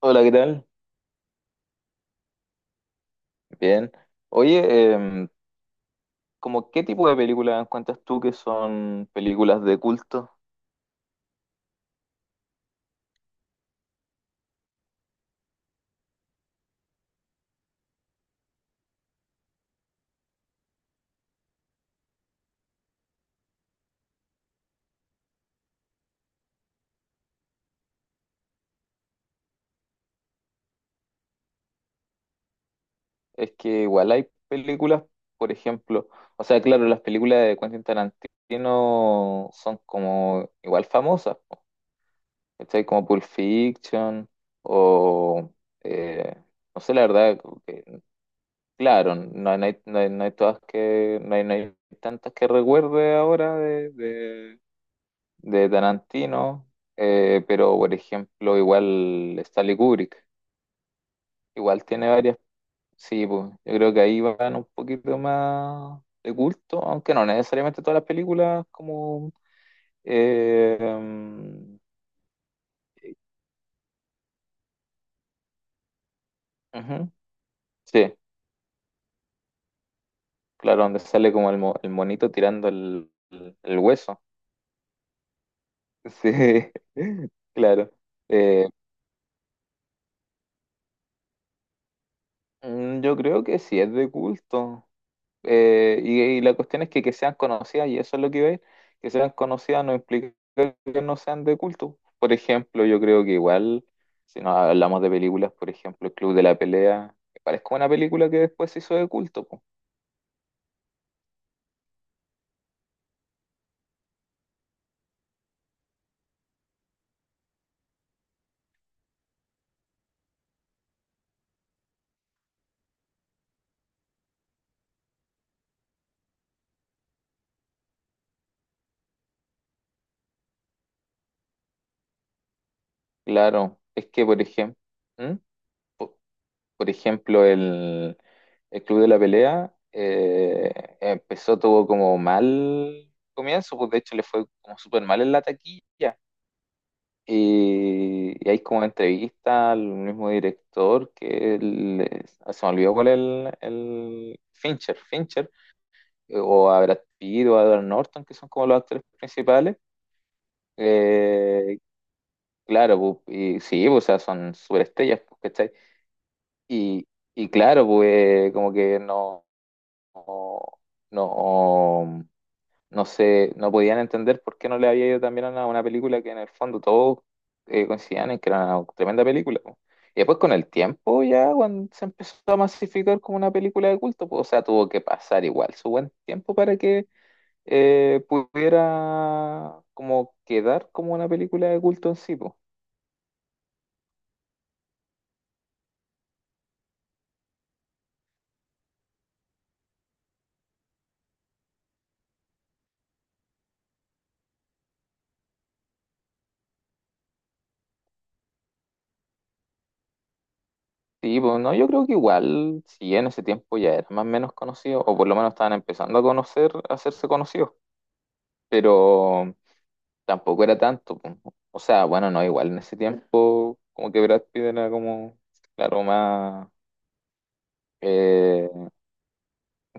Hola, ¿qué tal? Bien. Oye, ¿como qué tipo de películas encuentras tú que son películas de culto? Es que igual hay películas, por ejemplo, o sea, claro, las películas de Quentin Tarantino son como igual famosas, po, ¿cachai? Como Pulp Fiction o, eh, no sé, la verdad, como que, claro, no, hay, no hay tantas que recuerde ahora de, Tarantino, pero por ejemplo, igual Stanley Kubrick, igual tiene varias. Sí, pues, yo creo que ahí van un poquito más de culto, aunque no necesariamente todas las películas como. Mm, ujú. Sí, claro, donde sale como el, el monito tirando el, el hueso. Sí, claro. Eh, yo creo que sí es de culto. Y la cuestión es que sean conocidas, y eso es lo que iba a ir, que sean conocidas no implica que no sean de culto. Por ejemplo, yo creo que igual, si nos hablamos de películas, por ejemplo, El Club de la Pelea, me parece como una película que después se hizo de culto, po. Claro, es que, por ejemplo, ¿Mm? Por ejemplo, el, Club de la Pelea, empezó, tuvo como mal comienzo, pues de hecho le fue como súper mal en la taquilla. Y, hay como entrevista al mismo director que se me olvidó cuál es el Fincher, Fincher, o a Brad Pitt o a Edward Norton, que son como los actores principales. Eh, claro, pu, y sí, pu, o sea, son superestrellas, pu, ¿cachai? Y, y claro, pues como que no, no no sé, no podían entender por qué no le había ido también a una, película que en el fondo todos coincidían en que era una tremenda película, po. Y después con el tiempo ya cuando se empezó a masificar como una película de culto, pues, o sea, tuvo que pasar igual su buen tiempo para que pudiera como quedar como una película de culto en sí, pues. Sí, pues no, yo creo que igual, si en ese tiempo ya era más o menos conocido, o por lo menos estaban empezando a conocer, a hacerse conocidos, pero tampoco era tanto, po. O sea, bueno, no, igual en ese tiempo, como que Brad Pitt era como, claro, más. eh,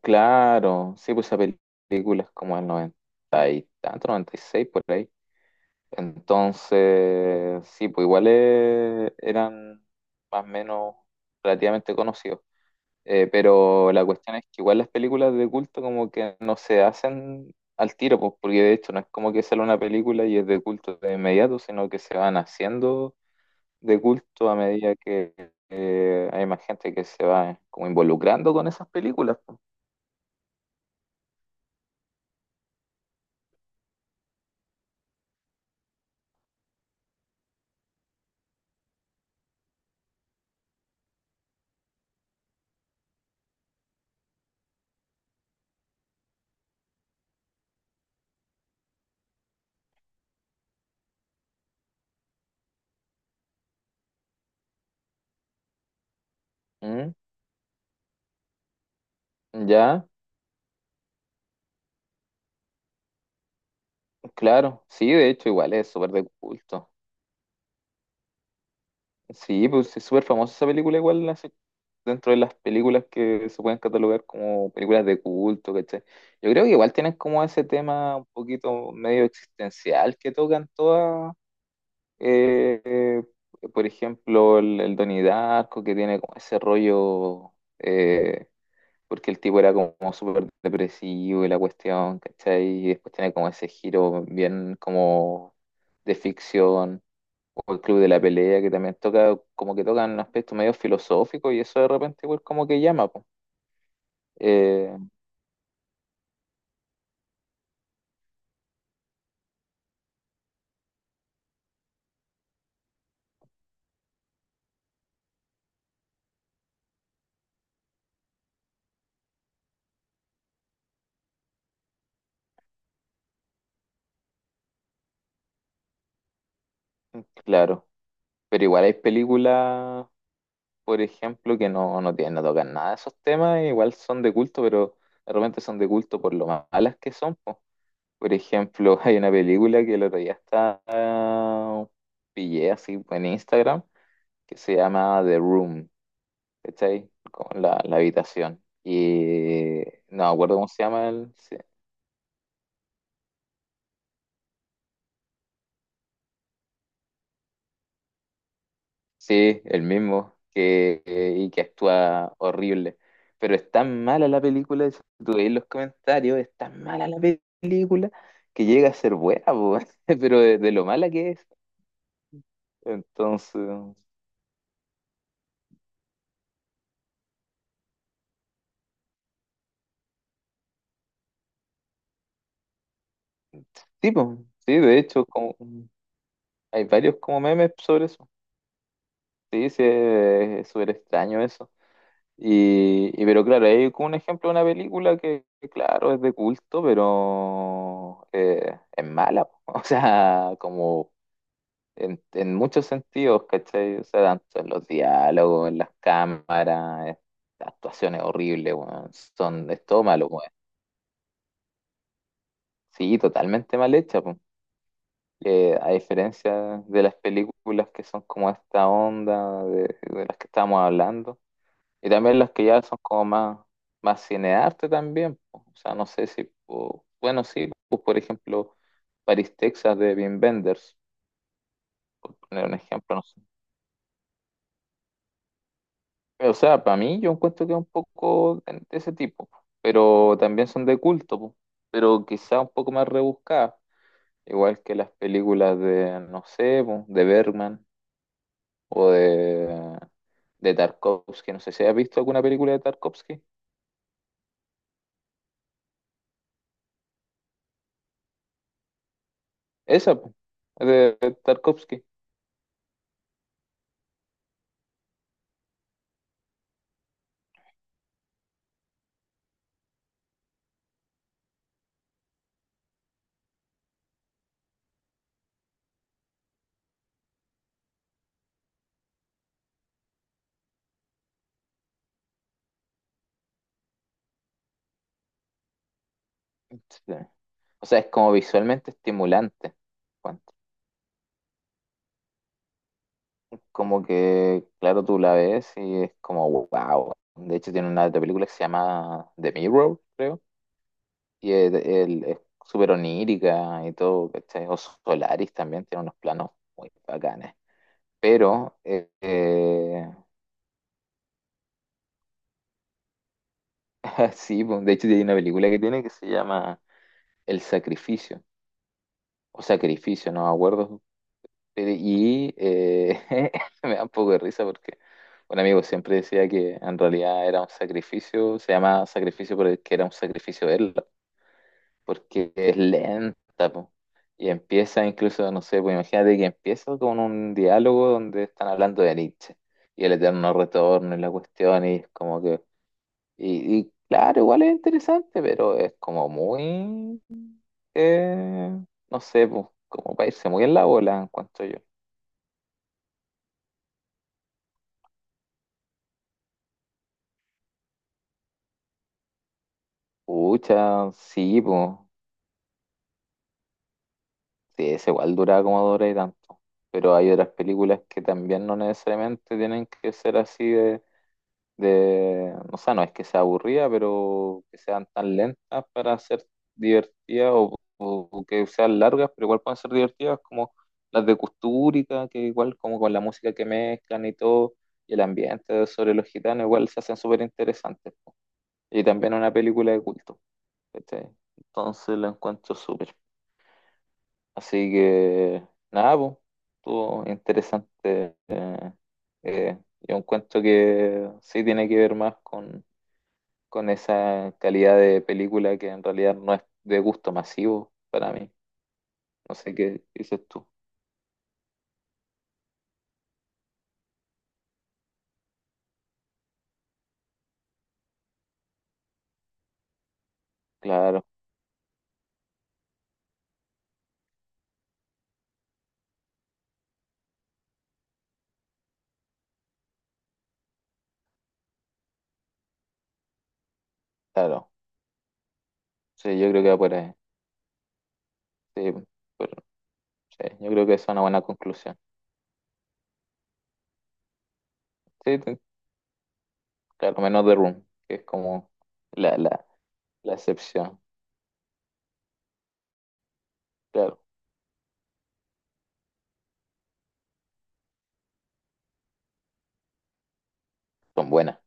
claro, sí, pues esa película es como el 90 y tanto, 96 por ahí. Entonces, sí, pues igual, eran más o menos relativamente conocidos. Pero la cuestión es que igual las películas de culto como que no se hacen al tiro, pues, porque de hecho no es como que sale una película y es de culto de inmediato, sino que se van haciendo de culto a medida que hay más gente que se va como involucrando con esas películas, pues. ¿Mm? Ya, claro, sí, de hecho igual es súper de culto. Sí, pues es súper famosa esa película igual, así, dentro de las películas que se pueden catalogar como películas de culto, ¿cachai? Yo creo que igual tienen como ese tema un poquito medio existencial que tocan todas, eh, eh, por ejemplo, el, Donnie Darko, que tiene como ese rollo, eh, porque el tipo era como súper depresivo y la cuestión, ¿cachai? Y después tiene como ese giro bien como de ficción. O el Club de la Pelea, que también toca, como que tocan un aspecto medio filosófico y eso de repente igual como que llama, po. Eh, claro, pero igual hay películas, por ejemplo, que no, no tienen, no tocan nada de esos temas, e igual son de culto, pero de repente son de culto por lo malas que son, po. Por ejemplo, hay una película que el otro día pillé así en Instagram, que se llama The Room, ¿cachai? Como la habitación. Y no me acuerdo cómo se llama. Sí, el mismo, que, y que actúa horrible. Pero es tan mala la película, si tú veis los comentarios, es tan mala la película que llega a ser buena, po, pero de, lo mala que es. Entonces, sí, po, sí, de hecho, como, hay varios como memes sobre eso. Sí, sí, es súper extraño eso. Pero claro, hay como un ejemplo de una película que, claro, es de culto, pero, es mala, po. O sea, como en muchos sentidos, ¿cachai? O sea, tanto en los diálogos, en las cámaras, las actuaciones horribles, weón. Son, es todo malo, weón. Sí, totalmente mal hecha, po. A diferencia de las películas que son como esta onda de, las que estábamos hablando, y también las que ya son como más, cinearte también, po. O sea, no sé si, po, bueno, sí, pues por ejemplo, Paris, Texas de Wim Wenders, poner un ejemplo, no. O sea, para mí yo encuentro que es un poco de ese tipo, pero también son de culto, po, pero quizá un poco más rebuscadas, igual que las películas de, no sé, po, de Bergman o de, Tarkovsky, no sé si has visto alguna película de Tarkovsky. Esa, po, de Tarkovsky. Sí. O sea, es como visualmente estimulante. Cuento. Como que, claro, tú la ves y es como, wow. De hecho, tiene una otra película que se llama The Mirror, creo. Es súper onírica y todo, ¿cachai? O Solaris también tiene unos planos muy bacanes. Pero, sí, pues, de hecho hay una película que tiene que se llama El Sacrificio, o Sacrificio, no me acuerdo. Y me da un poco de risa porque un amigo siempre decía que en realidad era un sacrificio, se llama sacrificio porque era un sacrificio verla. Porque es lenta, po. Y empieza incluso, no sé, pues imagínate que empieza con un diálogo donde están hablando de Nietzsche y el eterno retorno y la cuestión, y es como que. Y, claro, igual es interesante, pero es como muy. eh, no sé, pues, como para irse muy en la bola, encuentro yo. Pucha, sí, pues. Sí, es igual dura como dura y tanto. Pero hay otras películas que también no necesariamente tienen que ser así de, o sea, no es que sea aburrida, pero que sean tan lentas para ser divertidas o, que sean largas, pero igual pueden ser divertidas como las de Custúrica, que igual como con la música que mezclan y todo, y el ambiente sobre los gitanos, igual se hacen súper interesantes, po. Y también una película de culto, ¿cachai? Entonces la encuentro súper. Así que, nada, pues, estuvo interesante. Yo encuentro que sí tiene que ver más con esa calidad de película que en realidad no es de gusto masivo para mí. No sé qué dices tú. Claro, claro. Sí, yo creo que va por ahí. Sí, pero, sí, yo creo que esa es una buena conclusión. Sí, claro, menos The Room, que es como la, la, la excepción. Claro, son buenas.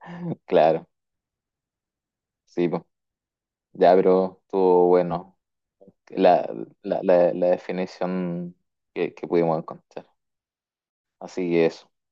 Claro, sí, po. Ya, pero estuvo bueno la, la definición que pudimos encontrar. Así que eso.